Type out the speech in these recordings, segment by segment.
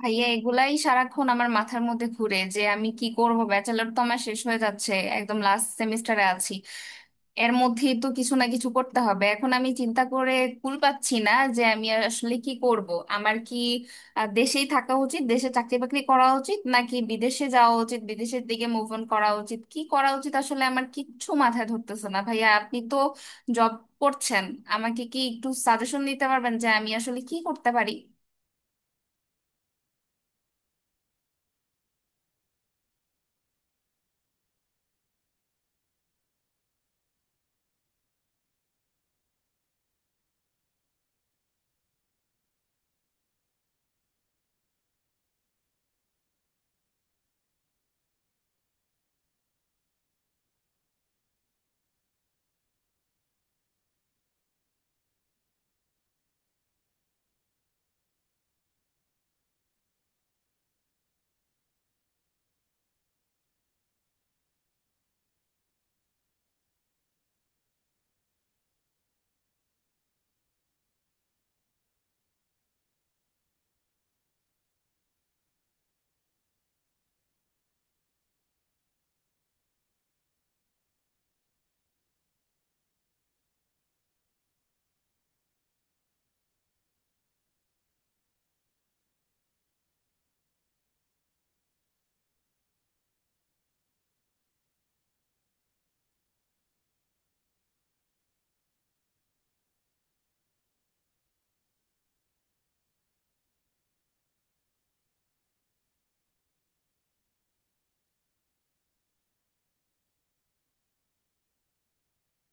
ভাইয়া, এগুলাই সারাক্ষণ আমার মাথার মধ্যে ঘুরে যে আমি কি করব। ব্যাচেলর তো আমার শেষ হয়ে যাচ্ছে, একদম লাস্ট সেমিস্টারে আছি। এর মধ্যেই তো কিছু না কিছু করতে হবে। এখন আমি চিন্তা করে কুল পাচ্ছি না যে আমি আর আসলে কি করব। আমার কি দেশেই থাকা উচিত, দেশে চাকরি বাকরি করা উচিত নাকি বিদেশে যাওয়া উচিত, বিদেশের দিকে মুভ অন করা উচিত, কি করা উচিত আসলে আমার কিচ্ছু মাথায় ধরতেছে না। ভাইয়া, আপনি তো জব করছেন, আমাকে কি একটু সাজেশন দিতে পারবেন যে আমি আসলে কি করতে পারি?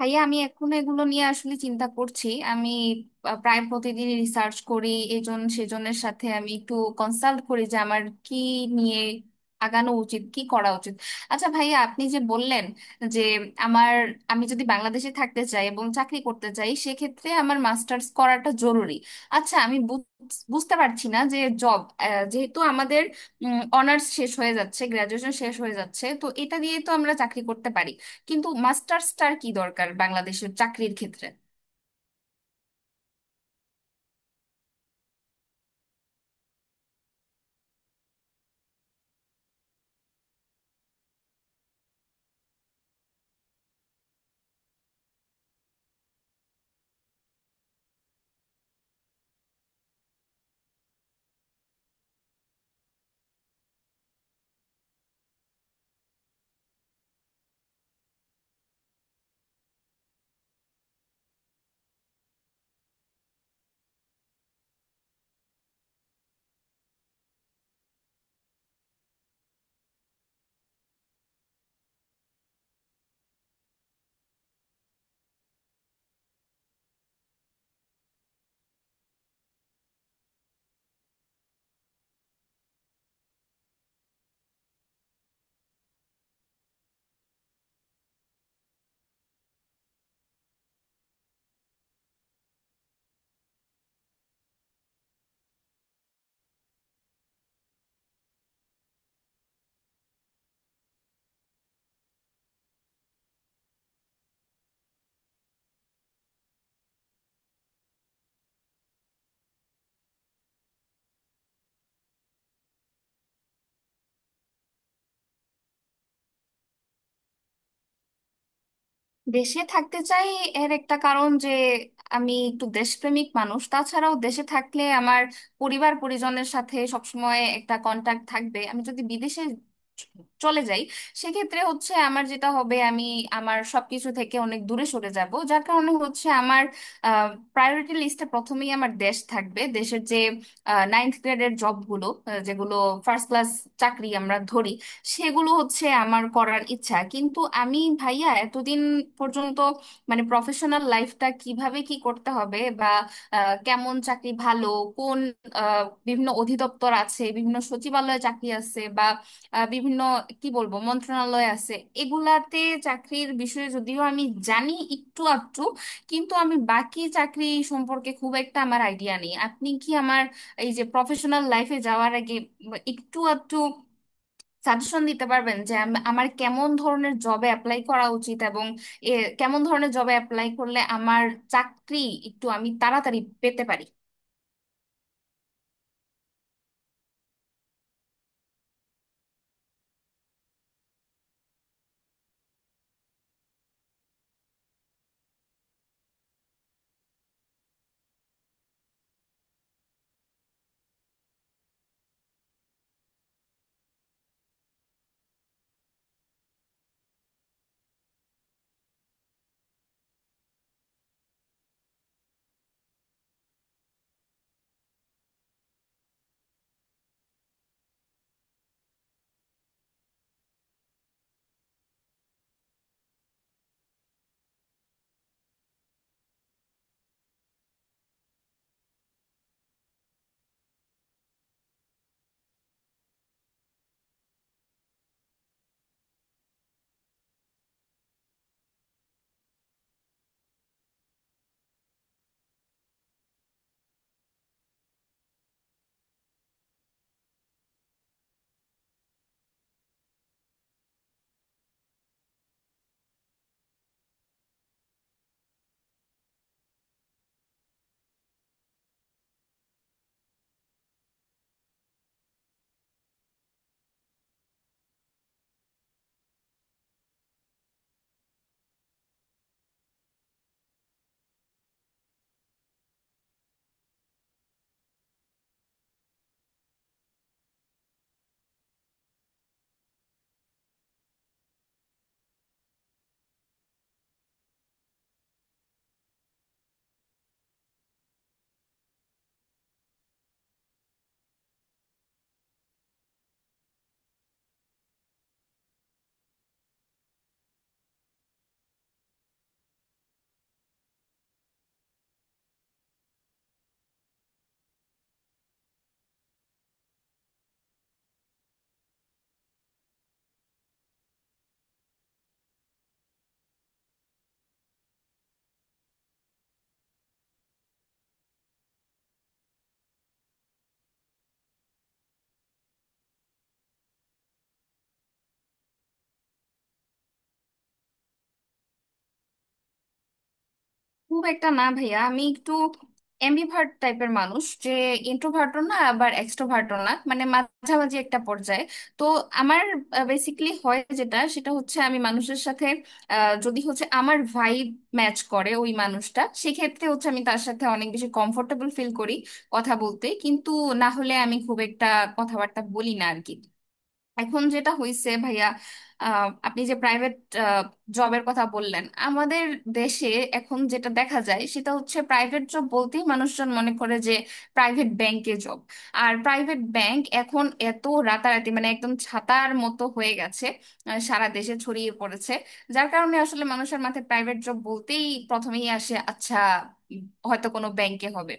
ভাইয়া, আমি এখন এগুলো নিয়ে আসলে চিন্তা করছি, আমি প্রায় প্রতিদিন রিসার্চ করি। এজন সেজনের সাথে আমি একটু কনসাল্ট করি যে আমার কি নিয়ে আগানো উচিত, কি করা উচিত। আচ্ছা ভাইয়া, আপনি যে বললেন যে আমার আমি যদি বাংলাদেশে থাকতে চাই এবং চাকরি করতে চাই সেক্ষেত্রে আমার মাস্টার্স করাটা জরুরি। আচ্ছা, আমি বুঝতে পারছি না যে জব, যেহেতু আমাদের অনার্স শেষ হয়ে যাচ্ছে, গ্রাজুয়েশন শেষ হয়ে যাচ্ছে, তো এটা দিয়ে তো আমরা চাকরি করতে পারি, কিন্তু মাস্টার্সটার কি দরকার বাংলাদেশের চাকরির ক্ষেত্রে? দেশে থাকতে চাই এর একটা কারণ যে আমি একটু দেশপ্রেমিক মানুষ। তাছাড়াও দেশে থাকলে আমার পরিবার পরিজনের সাথে সবসময় একটা কন্টাক্ট থাকবে। আমি যদি বিদেশে চ- চলে যাই, সেক্ষেত্রে হচ্ছে আমার যেটা হবে, আমি আমার সবকিছু থেকে অনেক দূরে সরে যাব। যার কারণে হচ্ছে আমার প্রায়োরিটি লিস্টে প্রথমেই আমার দেশ থাকবে। দেশের যে নাইনথ গ্রেডের জবগুলো, যেগুলো ফার্স্ট ক্লাস চাকরি আমরা ধরি, সেগুলো হচ্ছে আমার করার ইচ্ছা। কিন্তু আমি ভাইয়া এতদিন পর্যন্ত মানে প্রফেশনাল লাইফটা কিভাবে কি করতে হবে বা কেমন চাকরি ভালো, কোন বিভিন্ন অধিদপ্তর আছে, বিভিন্ন সচিবালয়ে চাকরি আছে বা বিভিন্ন কি বলবো মন্ত্রণালয় আছে, এগুলাতে চাকরির বিষয়ে যদিও আমি জানি একটু আধটু, কিন্তু আমি বাকি চাকরি সম্পর্কে খুব একটা আমার আইডিয়া নেই। আপনি কি আমার এই যে প্রফেশনাল লাইফে যাওয়ার আগে বা একটু আধটু সাজেশন দিতে পারবেন যে আমার কেমন ধরনের জবে অ্যাপ্লাই করা উচিত এবং এ, কেমন ধরনের জবে অ্যাপ্লাই করলে আমার চাকরি একটু আমি তাড়াতাড়ি পেতে পারি? খুব একটা না ভাইয়া, আমি একটু এমবিভার্ট টাইপের মানুষ, যে ইন্ট্রোভার্টও না আবার এক্সট্রোভার্টও না, মানে মাঝামাঝি একটা পর্যায়ে। তো আমার বেসিকলি হয় যেটা, সেটা হচ্ছে আমি মানুষের সাথে যদি হচ্ছে আমার ভাইব ম্যাচ করে ওই মানুষটা, সেক্ষেত্রে হচ্ছে আমি তার সাথে অনেক বেশি কমফোর্টেবল ফিল করি কথা বলতে। কিন্তু না হলে আমি খুব একটা কথাবার্তা বলি না আর কি। এখন যেটা হইছে ভাইয়া, আপনি যে প্রাইভেট জবের কথা বললেন, আমাদের দেশে এখন যেটা দেখা যায় সেটা হচ্ছে প্রাইভেট জব বলতেই মানুষজন মনে করে যে প্রাইভেট ব্যাংকে জব। আর প্রাইভেট ব্যাংক এখন এত রাতারাতি মানে একদম ছাতার মতো হয়ে গেছে, সারা দেশে ছড়িয়ে পড়েছে। যার কারণে আসলে মানুষের মাথায় প্রাইভেট জব বলতেই প্রথমেই আসে, আচ্ছা, উম, হয়তো কোনো ব্যাংকে হবে।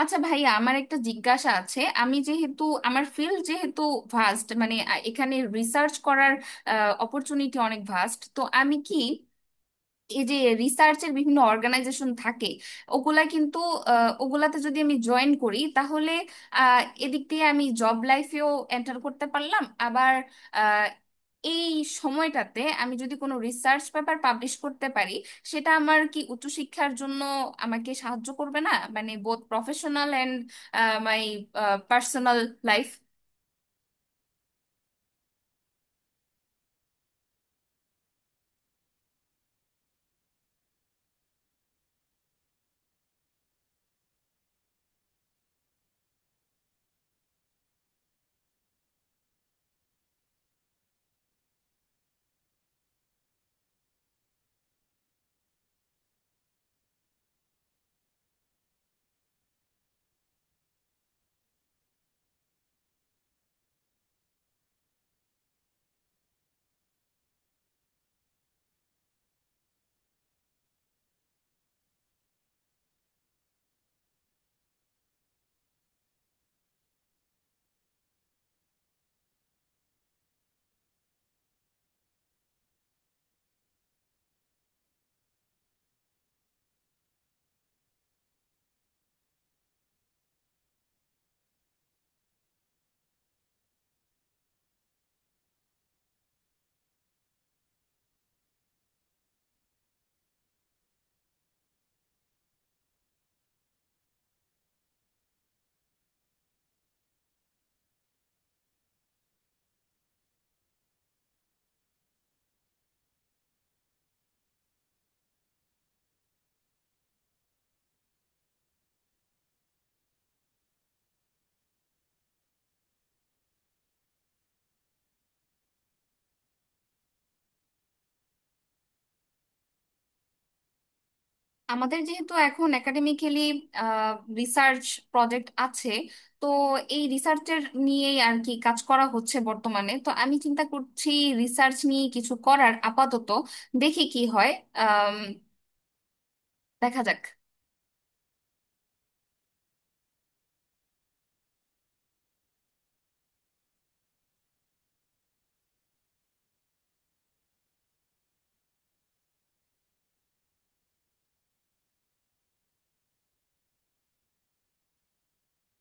আচ্ছা ভাইয়া, আমার একটা জিজ্ঞাসা আছে। আমি যেহেতু, আমার ফিল্ড যেহেতু ভাস্ট, মানে এখানে রিসার্চ করার অপরচুনিটি অনেক ভাস্ট, তো আমি কি এই যে রিসার্চের বিভিন্ন অর্গানাইজেশন থাকে ওগুলা কিন্তু ওগুলাতে যদি আমি জয়েন করি, তাহলে এদিক দিয়ে আমি জব লাইফেও এন্টার করতে পারলাম, আবার আহ, এই সময়টাতে আমি যদি কোনো রিসার্চ পেপার পাবলিশ করতে পারি সেটা আমার কি উচ্চশিক্ষার জন্য আমাকে সাহায্য করবে না? মানে both professional and my personal life. আমাদের যেহেতু এখন একাডেমিক্যালি রিসার্চ প্রজেক্ট আছে, তো এই রিসার্চের নিয়েই আর কি কাজ করা হচ্ছে বর্তমানে। তো আমি চিন্তা করছি রিসার্চ নিয়ে কিছু করার। আপাতত দেখি কি হয়, আম, দেখা যাক।